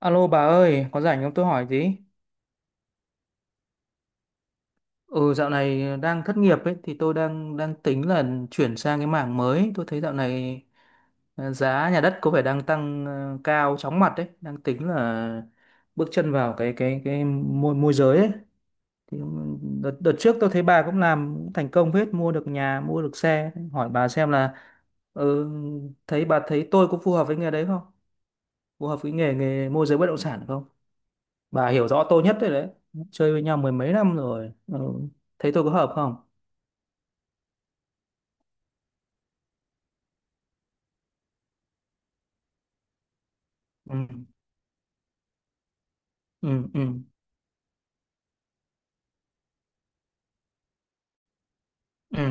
Alo bà ơi, có rảnh không tôi hỏi tí? Ừ, dạo này đang thất nghiệp ấy thì tôi đang đang tính là chuyển sang cái mảng mới. Tôi thấy dạo này giá nhà đất có vẻ đang tăng cao chóng mặt đấy, đang tính là bước chân vào cái môi môi giới ấy. Thì ừ, đợt trước tôi thấy bà cũng làm cũng thành công hết, mua được nhà, mua được xe. Hỏi bà xem là ừ, thấy bà thấy tôi có phù hợp với nghề đấy không? Phù hợp với nghề nghề môi giới bất động sản không? Bà hiểu rõ tôi nhất đấy đấy, chơi với nhau mười mấy năm rồi, ừ. Thấy tôi có hợp không? Ừ. Ừ. Ừ. Ừ.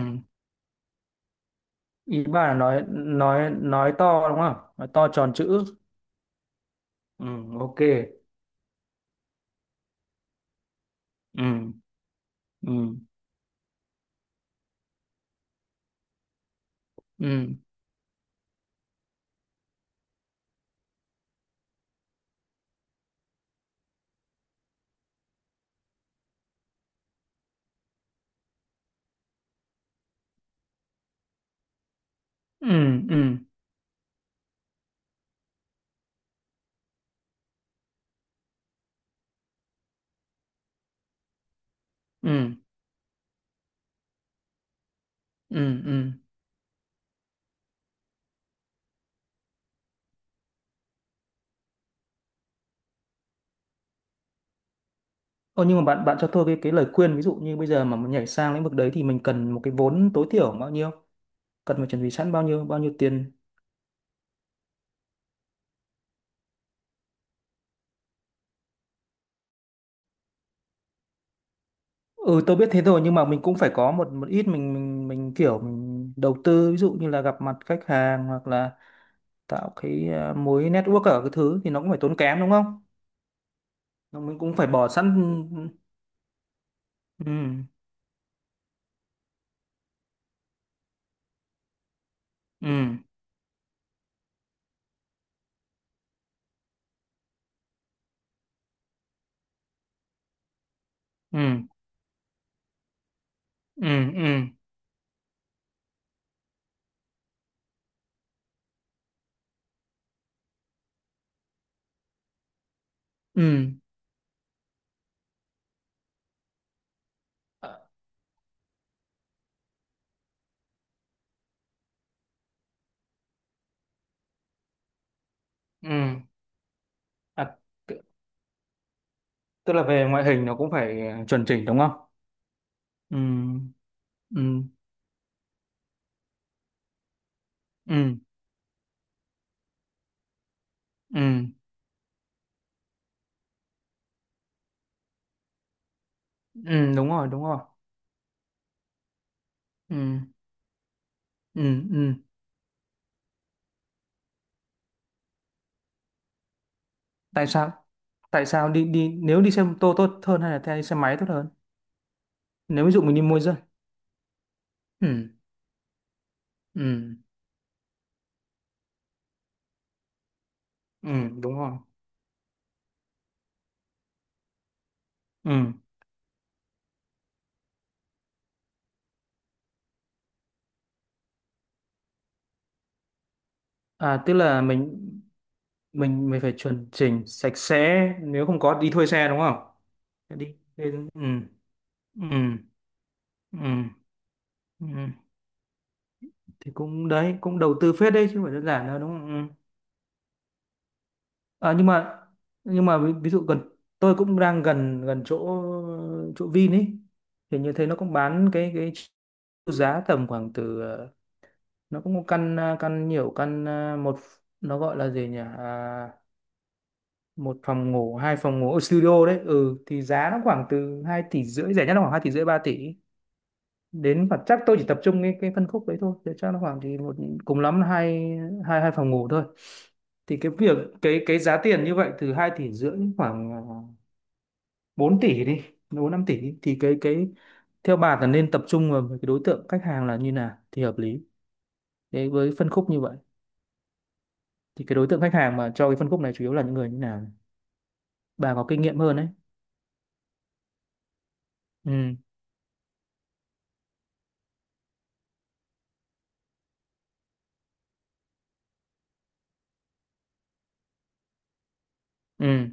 Ý bà là nói to đúng không, nói to tròn chữ? Ừ. Ok. Ừ. Ừ. Ừ. Ừ. Ừ. Ừ. Ừ. Ừ. Ô, nhưng mà bạn bạn cho tôi cái lời khuyên, ví dụ như bây giờ mà muốn nhảy sang lĩnh vực đấy thì mình cần một cái vốn tối thiểu bao nhiêu, cần phải chuẩn bị sẵn bao nhiêu tiền? Ừ, tôi biết thế rồi, nhưng mà mình cũng phải có một một ít, mình kiểu mình đầu tư, ví dụ như là gặp mặt khách hàng hoặc là tạo cái mối network ở cái thứ, thì nó cũng phải tốn kém đúng không? Nó- Mình cũng phải bỏ sẵn. Ừ. Ừ. Ừ. Ừ. Ừ. Ừ. ừ. à, ừ. à, t- Tức là về ngoại hình nó cũng phải chuẩn chỉnh đúng không? Ừ. Ừ. Ừ. Ừ. Ừ đúng rồi đúng rồi. Ừ. Ừ. Ừ. Ừ. Tại sao, đi đi nếu đi xe mô tô tốt hơn hay là theo đi xe máy tốt hơn? Nếu ví dụ mình đi mua dân. Ừ. Ừ. Ừ đúng rồi. Ừ. À, tức là mình mình phải chuẩn chỉnh sạch sẽ, nếu không có đi thuê xe đúng không? Ừ. Ừ. Ừ. Ừ. Thì cũng đấy, cũng đầu tư phết đấy chứ không phải đơn giản đâu, đúng không? Ừ. À, nhưng mà ví dụ gần, tôi cũng đang gần gần chỗ chỗ Vin ấy. Thì như thế nó cũng bán cái giá tầm khoảng từ nó cũng có căn căn, nhiều căn một, nó gọi là gì nhỉ, 1 phòng ngủ 2 phòng ngủ ở studio đấy. Ừ thì giá nó khoảng từ 2,5 tỷ, rẻ nhất là khoảng 2,5 tỷ 3 tỷ đến, và chắc tôi chỉ tập trung cái phân khúc đấy thôi, thì chắc nó khoảng thì một, cùng lắm là hai hai 2 phòng ngủ thôi. Thì cái việc, cái giá tiền như vậy từ 2,5 tỷ khoảng 4 tỷ đi, 4-5 tỷ đi. Thì cái theo bà là nên tập trung vào cái đối tượng khách hàng là như nào thì hợp lý đấy, với phân khúc như vậy thì cái đối tượng khách hàng mà cho cái phân khúc này chủ yếu là những người như nào? Bà có kinh nghiệm hơn đấy. Ừ. Ừ.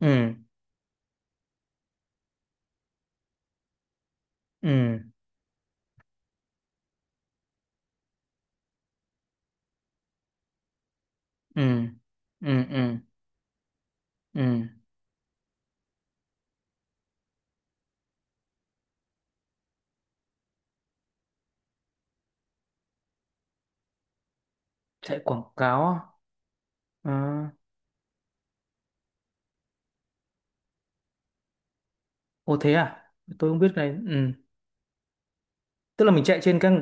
Ừ. Ừ. Ừ. Ừ. Ừ. Ừ. Chạy quảng cáo à? À. Ô thế à? Tôi không biết cái này, ừ. Tức là mình chạy trên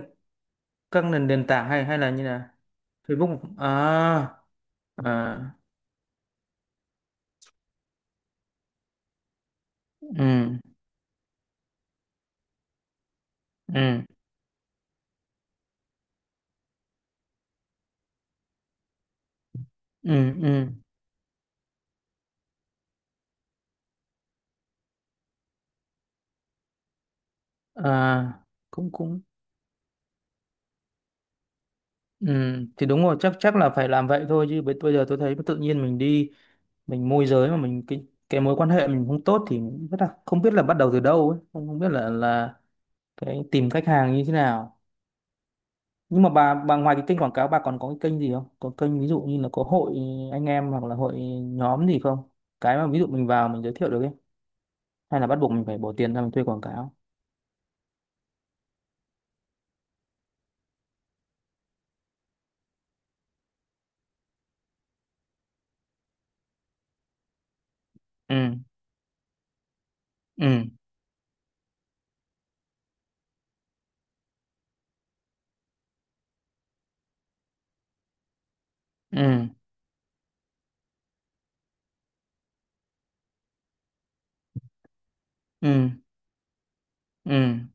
các nền nền tảng hay hay là như là Facebook à? À. Ừ. Ừ. Ừ. Ừ. À, cũng cũng. Ừ, thì đúng rồi, chắc chắc là phải làm vậy thôi, chứ bây bây giờ tôi thấy tự nhiên mình đi, mình môi giới mà mình cái mối quan hệ mình không tốt thì rất là không biết là bắt đầu từ đâu ấy, không không biết là cái tìm khách hàng như thế nào. Nhưng mà bà ngoài cái kênh quảng cáo, bà còn có cái kênh gì không, có kênh ví dụ như là có hội anh em hoặc là hội nhóm gì không, cái mà ví dụ mình vào mình giới thiệu được ấy, hay là bắt buộc mình phải bỏ tiền ra mình thuê quảng cáo? Ừ. Ừ. Ừ. Ừ. Ừ. Ừ.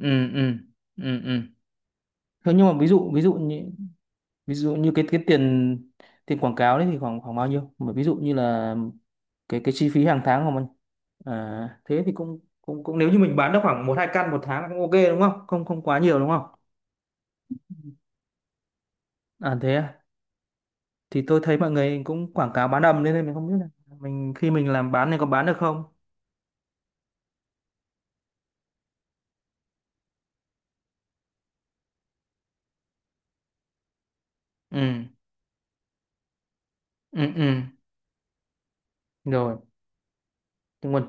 Ừ. Ừ. Ừ. Thế nhưng mà ví dụ như, ví dụ như cái tiền tiền quảng cáo đấy thì khoảng khoảng bao nhiêu? Mà ví dụ như là cái chi phí hàng tháng của mình. À, thế thì cũng cũng cũng, nếu như mình bán được khoảng 1-2 căn một tháng là cũng ok đúng không? Không quá nhiều đúng không? À thế à? Thì tôi thấy mọi người cũng quảng cáo bán đầm nên là mình không biết là mình khi mình làm bán này có bán được không? Ừ. Ừ. Ừ. Rồi. Nhưng mà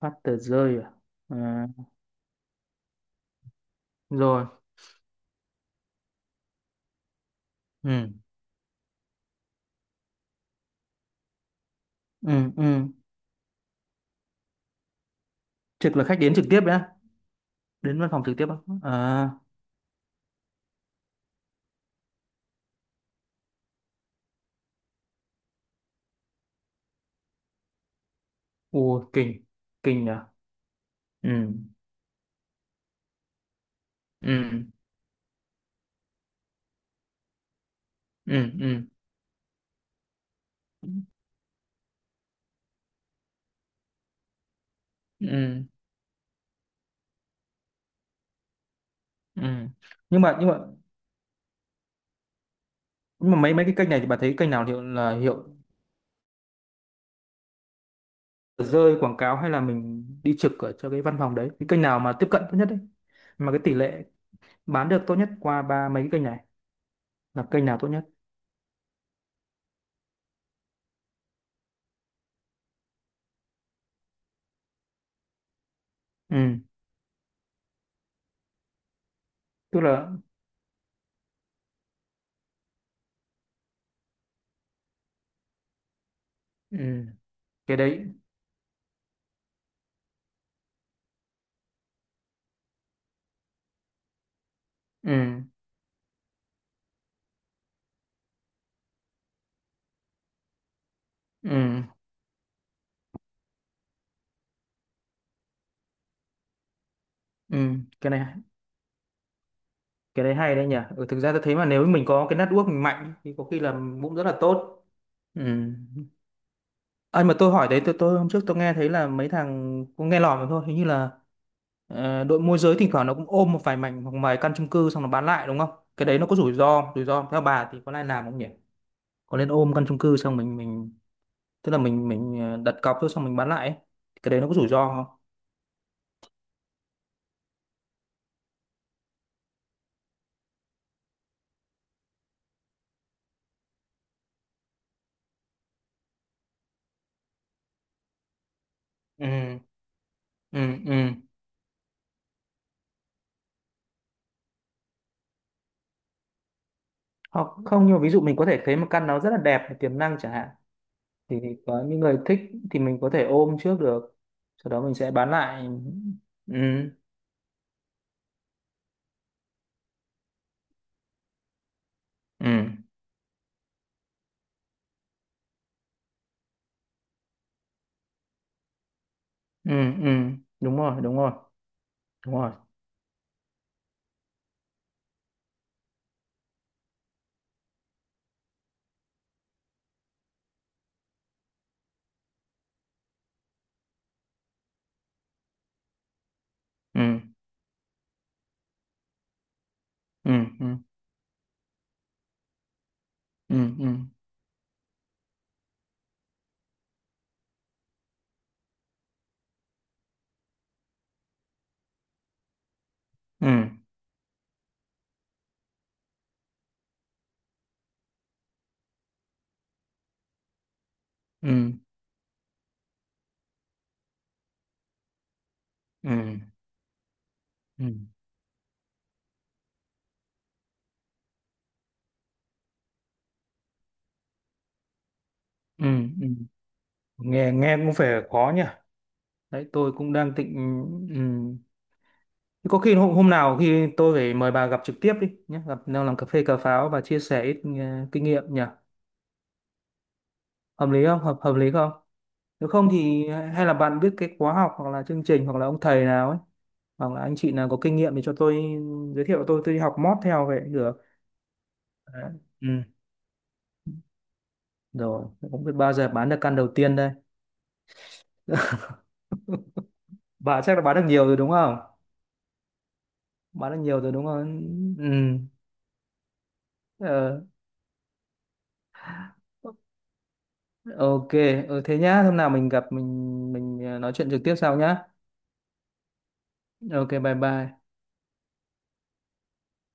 phát tờ rơi à? À. Rồi. Ừ. Ừ. Ừ. Trực là khách đến trực tiếp đấy á? Đến văn phòng trực tiếp á? À. Ồ, kinh, kinh nhỉ. Ừ. Ừ. Ừ. Ừ. Ừ. Ừ. Nhưng mà mấy mấy cái kênh này thì bạn thấy kênh nào hiệu là hiệu, rơi quảng cáo hay là mình đi trực ở cho cái văn phòng đấy, cái kênh nào mà tiếp cận tốt nhất đấy, mà cái tỷ lệ bán được tốt nhất qua ba mấy cái kênh này là kênh nào tốt nhất? Ừ. Tức là. Ừ. Cái đấy. Ừ. Ừ. Ừ. Cái này, cái đấy hay đấy nhỉ. Ừ, thực ra tôi thấy mà nếu mình có cái network mình mạnh thì có khi là cũng rất là tốt. Ừ. Anh mà tôi hỏi đấy, tôi hôm trước tôi nghe thấy là mấy thằng, cũng nghe lỏm thôi, hình như là đội môi giới thỉnh thoảng nó cũng ôm một vài mảnh hoặc vài căn chung cư xong nó bán lại đúng không? Cái đấy nó có rủi ro, rủi ro theo bà thì có nên làm không nhỉ, có nên ôm căn chung cư xong mình, tức là mình đặt cọc thôi xong mình bán lại ấy. Cái đấy nó có rủi ro không? Ừ. Ừ. Ừ. Hoặc không, nhưng mà ví dụ mình có thể thấy một căn nó rất là đẹp tiềm năng chẳng hạn, thì có những người thích, thì mình có thể ôm trước được, sau đó mình sẽ bán lại. Ừ. Ừ. Ừ. Ừ đúng rồi đúng rồi đúng rồi. Ừ. Ừ. Ừ. Ừ. Ừ. Ừ. Ừ. Ừ. Ừ. Ừ. Ừ. Nghe, nghe cũng phải khó nhỉ, đấy tôi cũng đang tịnh. Ừ. Thế có khi hôm nào khi tôi phải mời bà gặp trực tiếp đi nhé, gặp nào làm cà phê cà pháo và chia sẻ ít kinh nghiệm nhỉ? Hợp lý không, hợp hợp lý không? Nếu không thì hay là bạn biết cái khóa học hoặc là chương trình hoặc là ông thầy nào ấy, hoặc là anh chị nào có kinh nghiệm thì cho tôi ừ, giới thiệu, tôi đi học mót theo vậy cũng được. Đấy. Ừ. Rồi, không biết bao giờ bán được căn đầu tiên đây. Bà chắc là bán được nhiều rồi đúng không? Bán được nhiều rồi đúng không? Ừ. Ờ, ok, ừ, thế nhá. Hôm nào gặp mình nói chuyện trực tiếp sau nhá. Ok, bye bye.